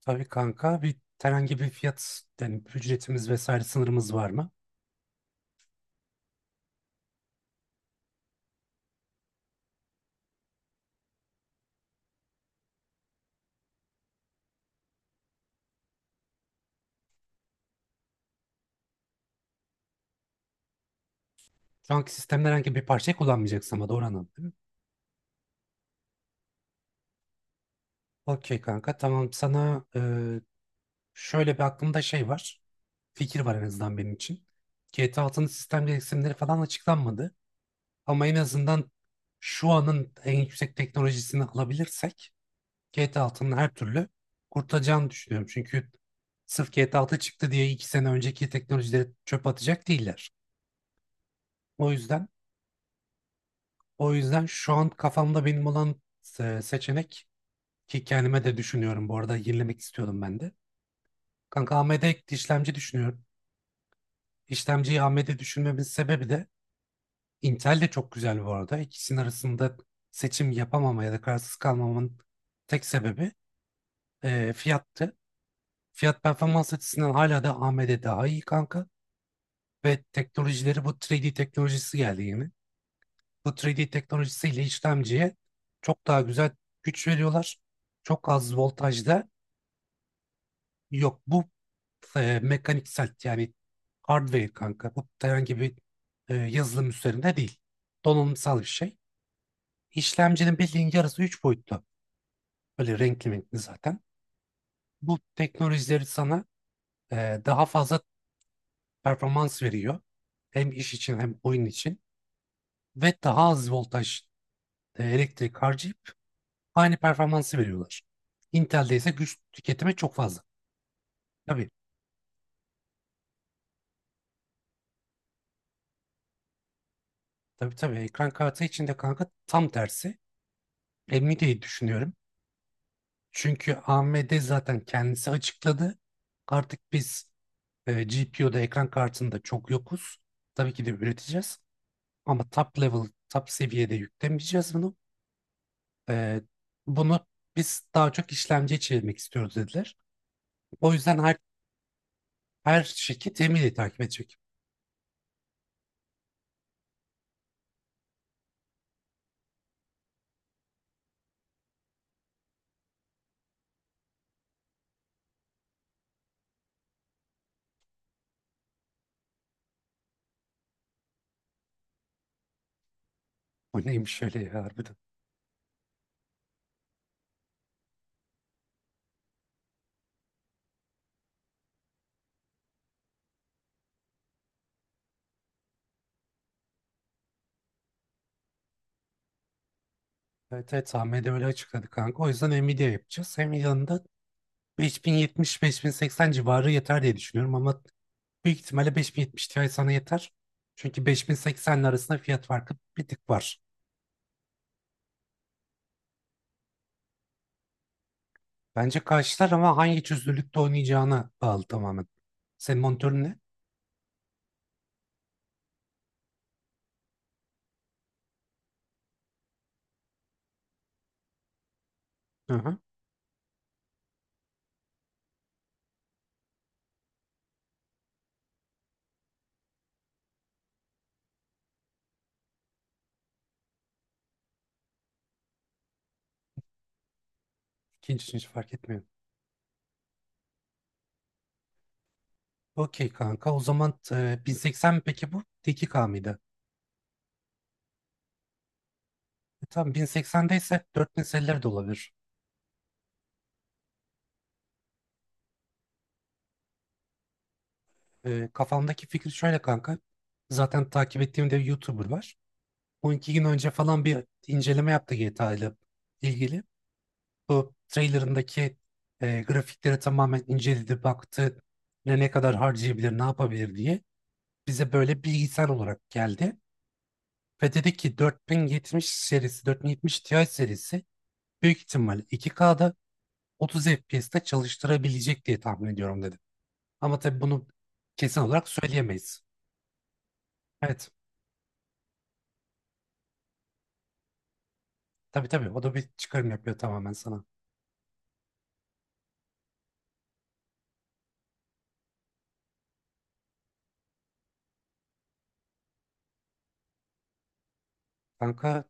Tabii kanka herhangi bir fiyat yani ücretimiz vesaire sınırımız var mı? Şu anki sistemde herhangi bir parçayı kullanmayacaksın ama doğru anladım değil mi? Okey kanka tamam sana şöyle bir aklımda şey var. Fikir var en azından benim için. GTA 6'nın sistem gereksinimleri falan açıklanmadı. Ama en azından şu anın en yüksek teknolojisini alabilirsek GTA 6'nın her türlü kurtulacağını düşünüyorum. Çünkü sırf GTA altı çıktı diye 2 sene önceki teknolojileri çöp atacak değiller. O yüzden O yüzden şu an kafamda benim olan seçenek ki kendime de düşünüyorum bu arada yenilemek istiyordum ben de. Kanka AMD işlemci düşünüyorum. İşlemciyi AMD düşünmemin sebebi de Intel de çok güzel bu arada. İkisinin arasında seçim yapamama ya da kararsız kalmamın tek sebebi fiyattı. Fiyat performans açısından hala da AMD daha iyi kanka. Ve teknolojileri bu 3D teknolojisi geldi yeni. Bu 3D teknolojisiyle işlemciye çok daha güzel güç veriyorlar. Çok az voltajda. Yok, bu mekaniksel yani hardware kanka. Bu herhangi bir yazılım üzerinde değil. Donanımsal bir şey. İşlemcinin bildiğin yarısı 3 boyutlu. Böyle renkli renkli zaten. Bu teknolojileri sana daha fazla performans veriyor. Hem iş için hem oyun için. Ve daha az voltaj elektrik harcayıp aynı performansı veriyorlar. Intel'de ise güç tüketimi çok fazla. Tabii, tabii, tabii, ekran kartı içinde kanka tam tersi. Nvidia'yı düşünüyorum. Çünkü AMD zaten kendisi açıkladı. Artık biz GPU'da ekran kartında çok yokuz. Tabii ki de üreteceğiz. Ama top level, top seviyede yüklemeyeceğiz bunu. E, bunu biz daha çok işlemciye çevirmek istiyoruz dediler. O yüzden her şirket Nvidia'yı takip edecek. O neymiş şöyle ya harbiden. Evet, evet, Ahmet'e öyle açıkladı kanka. O yüzden Nvidia yapacağız. Nvidia'nın da 5070-5080 civarı yeter diye düşünüyorum ama büyük ihtimalle 5070 Ti sana yeter. Çünkü 5080'in arasında fiyat farkı bir tık var. Bence karşılar ama hangi çözünürlükte oynayacağına bağlı tamamen. Senin monitörün ne? Hı hı. İkinci, üçüncü fark etmiyor. Okey kanka o zaman 1080 mi peki bu? 2K mıydı? Tamam, 1080'de ise 4050'ler de olabilir. Kafamdaki fikir şöyle kanka. Zaten takip ettiğim de bir YouTuber var. 12 gün önce falan bir inceleme yaptı GTA ile ilgili. Bu trailerındaki grafikleri tamamen inceledi, baktı. Ne kadar harcayabilir, ne yapabilir diye. Bize böyle bilgisayar olarak geldi. Ve dedi ki 4070 serisi, 4070 Ti serisi büyük ihtimalle 2K'da 30 FPS'te çalıştırabilecek diye tahmin ediyorum dedi. Ama tabii bunu kesin olarak söyleyemeyiz. Evet. Tabii tabii o da bir çıkarım yapıyor tamamen sana. Kanka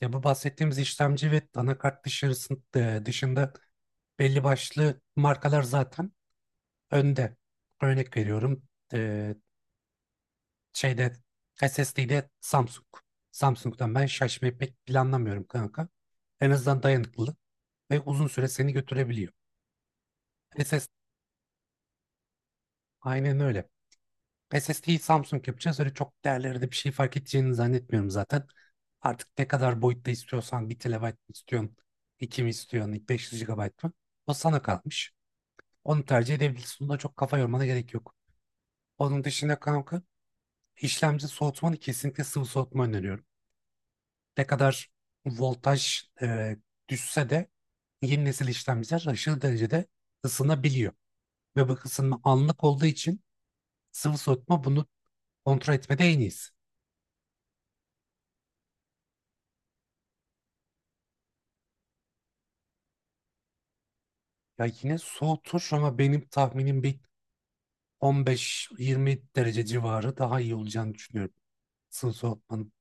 ya bu bahsettiğimiz işlemci ve anakart dışında belli başlı markalar zaten önde. Örnek veriyorum e, şeyde SSD'de Samsung. Samsung'dan ben şaşmayı pek planlamıyorum kanka. En azından dayanıklı ve uzun süre seni götürebiliyor. SS aynen öyle. SSD'yi Samsung yapacağız. Öyle çok değerlerde bir şey fark edeceğini zannetmiyorum zaten. Artık ne kadar boyutta istiyorsan 1 TB mi istiyorsun, 2 mi istiyorsun, 500 GB mı? O sana kalmış. Onu tercih edebilirsin. Buna çok kafa yormana gerek yok. Onun dışında kanka işlemci soğutmanı kesinlikle sıvı soğutma öneriyorum. Ne kadar voltaj düşse de yeni nesil işlemciler aşırı derecede ısınabiliyor. Ve bu ısınma anlık olduğu için sıvı soğutma bunu kontrol etmede en iyisi. Ya yine soğutur ama benim tahminim bir 15-20 derece civarı daha iyi olacağını düşünüyorum. Sıvı soğutmanın.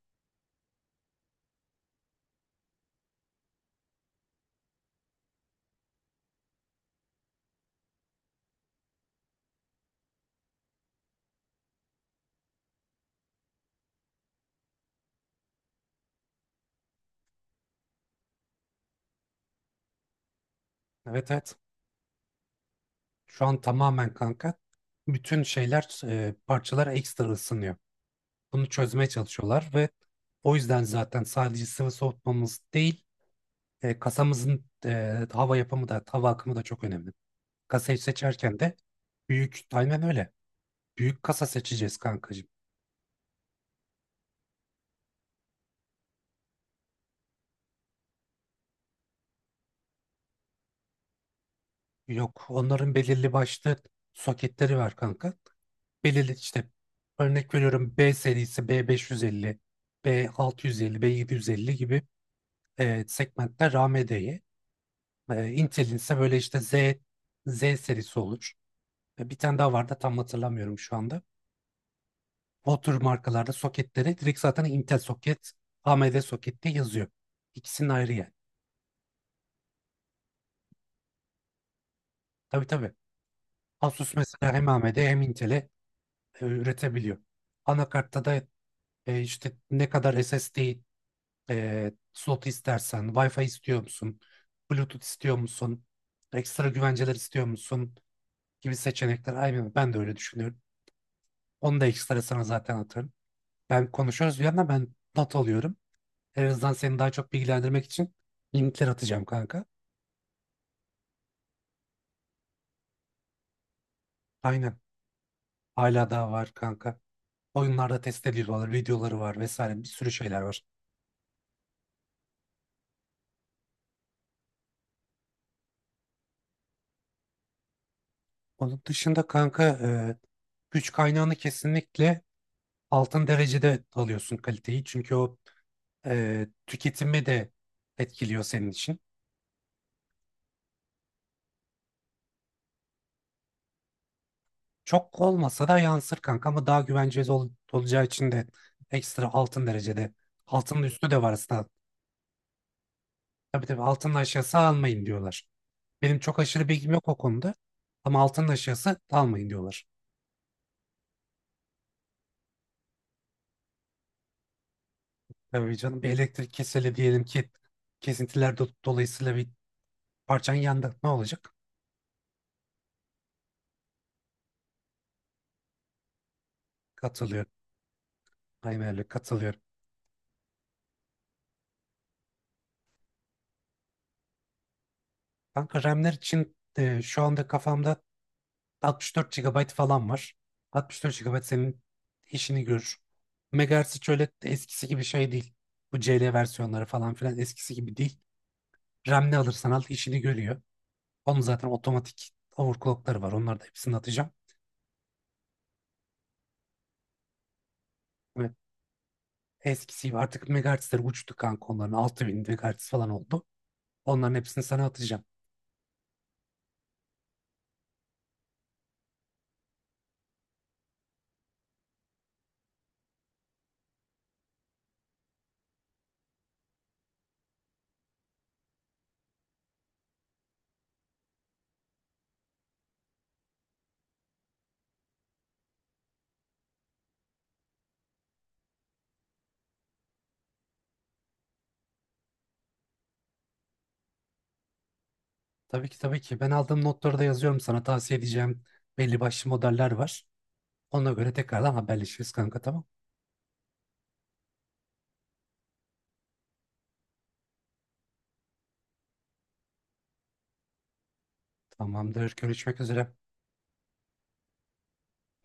Evet, evet. Şu an tamamen kanka bütün parçalar ekstra ısınıyor. Bunu çözmeye çalışıyorlar ve o yüzden zaten sadece sıvı soğutmamız değil kasamızın hava yapımı da hava akımı da çok önemli. Kasayı seçerken de büyük, aynen öyle. Büyük kasa seçeceğiz kankacığım. Yok onların belirli başlı soketleri var kanka. Belirli işte örnek veriyorum B serisi B550, B650, B750 gibi segmentler AMD'ye. Intel'in ise böyle işte Z serisi olur. Bir tane daha vardı tam hatırlamıyorum şu anda. O tür markalarda soketleri, direkt zaten Intel soket, AMD soket diye yazıyor. İkisinin ayrı yani. Tabii tabii. Asus mesela hem AMD hem Intel'e üretebiliyor. Anakartta da işte ne kadar SSD slot istersen, Wi-Fi istiyor musun? Bluetooth istiyor musun? Ekstra güvenceler istiyor musun? Gibi seçenekler. Aynen ben de öyle düşünüyorum. Onu da ekstra sana zaten atarım. Ben konuşuyoruz bir yandan ben not alıyorum. En azından seni daha çok bilgilendirmek için linkler atacağım kanka. Aynen. Hala daha var kanka. Oyunlarda test ediyorlar, videoları var vesaire bir sürü şeyler var. Onun dışında kanka güç kaynağını kesinlikle altın derecede alıyorsun kaliteyi. Çünkü o tüketimi de etkiliyor senin için. Çok olmasa da yansır kanka ama daha güvenceli olacağı için de ekstra altın derecede. Altının üstü de var aslında. Tabii tabii altının aşağısı almayın diyorlar. Benim çok aşırı bilgim yok o konuda ama altının aşağısı almayın diyorlar. Tabii canım bir elektrik keseli diyelim ki kesintiler dolayısıyla bir parçan yandı. Ne olacak? Katılıyorum. Aynen öyle katılıyorum. Kanka RAM'ler için şu anda kafamda 64 GB falan var. 64 GB senin işini görür. Megahertz şöyle eskisi gibi şey değil. Bu CL versiyonları falan filan eskisi gibi değil. RAM ne alırsan al işini görüyor. Onun zaten otomatik overclockları var. Onları da hepsini atacağım. Evet, eskisi gibi artık megahertzler uçtu kanka onların. Altı bin megahertz falan oldu. Onların hepsini sana atacağım. Tabii ki tabii ki. Ben aldığım notları da yazıyorum sana. Tavsiye edeceğim belli başlı modeller var. Ona göre tekrardan haberleşiriz kanka tamam. Tamamdır. Görüşmek üzere.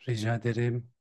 Rica ederim.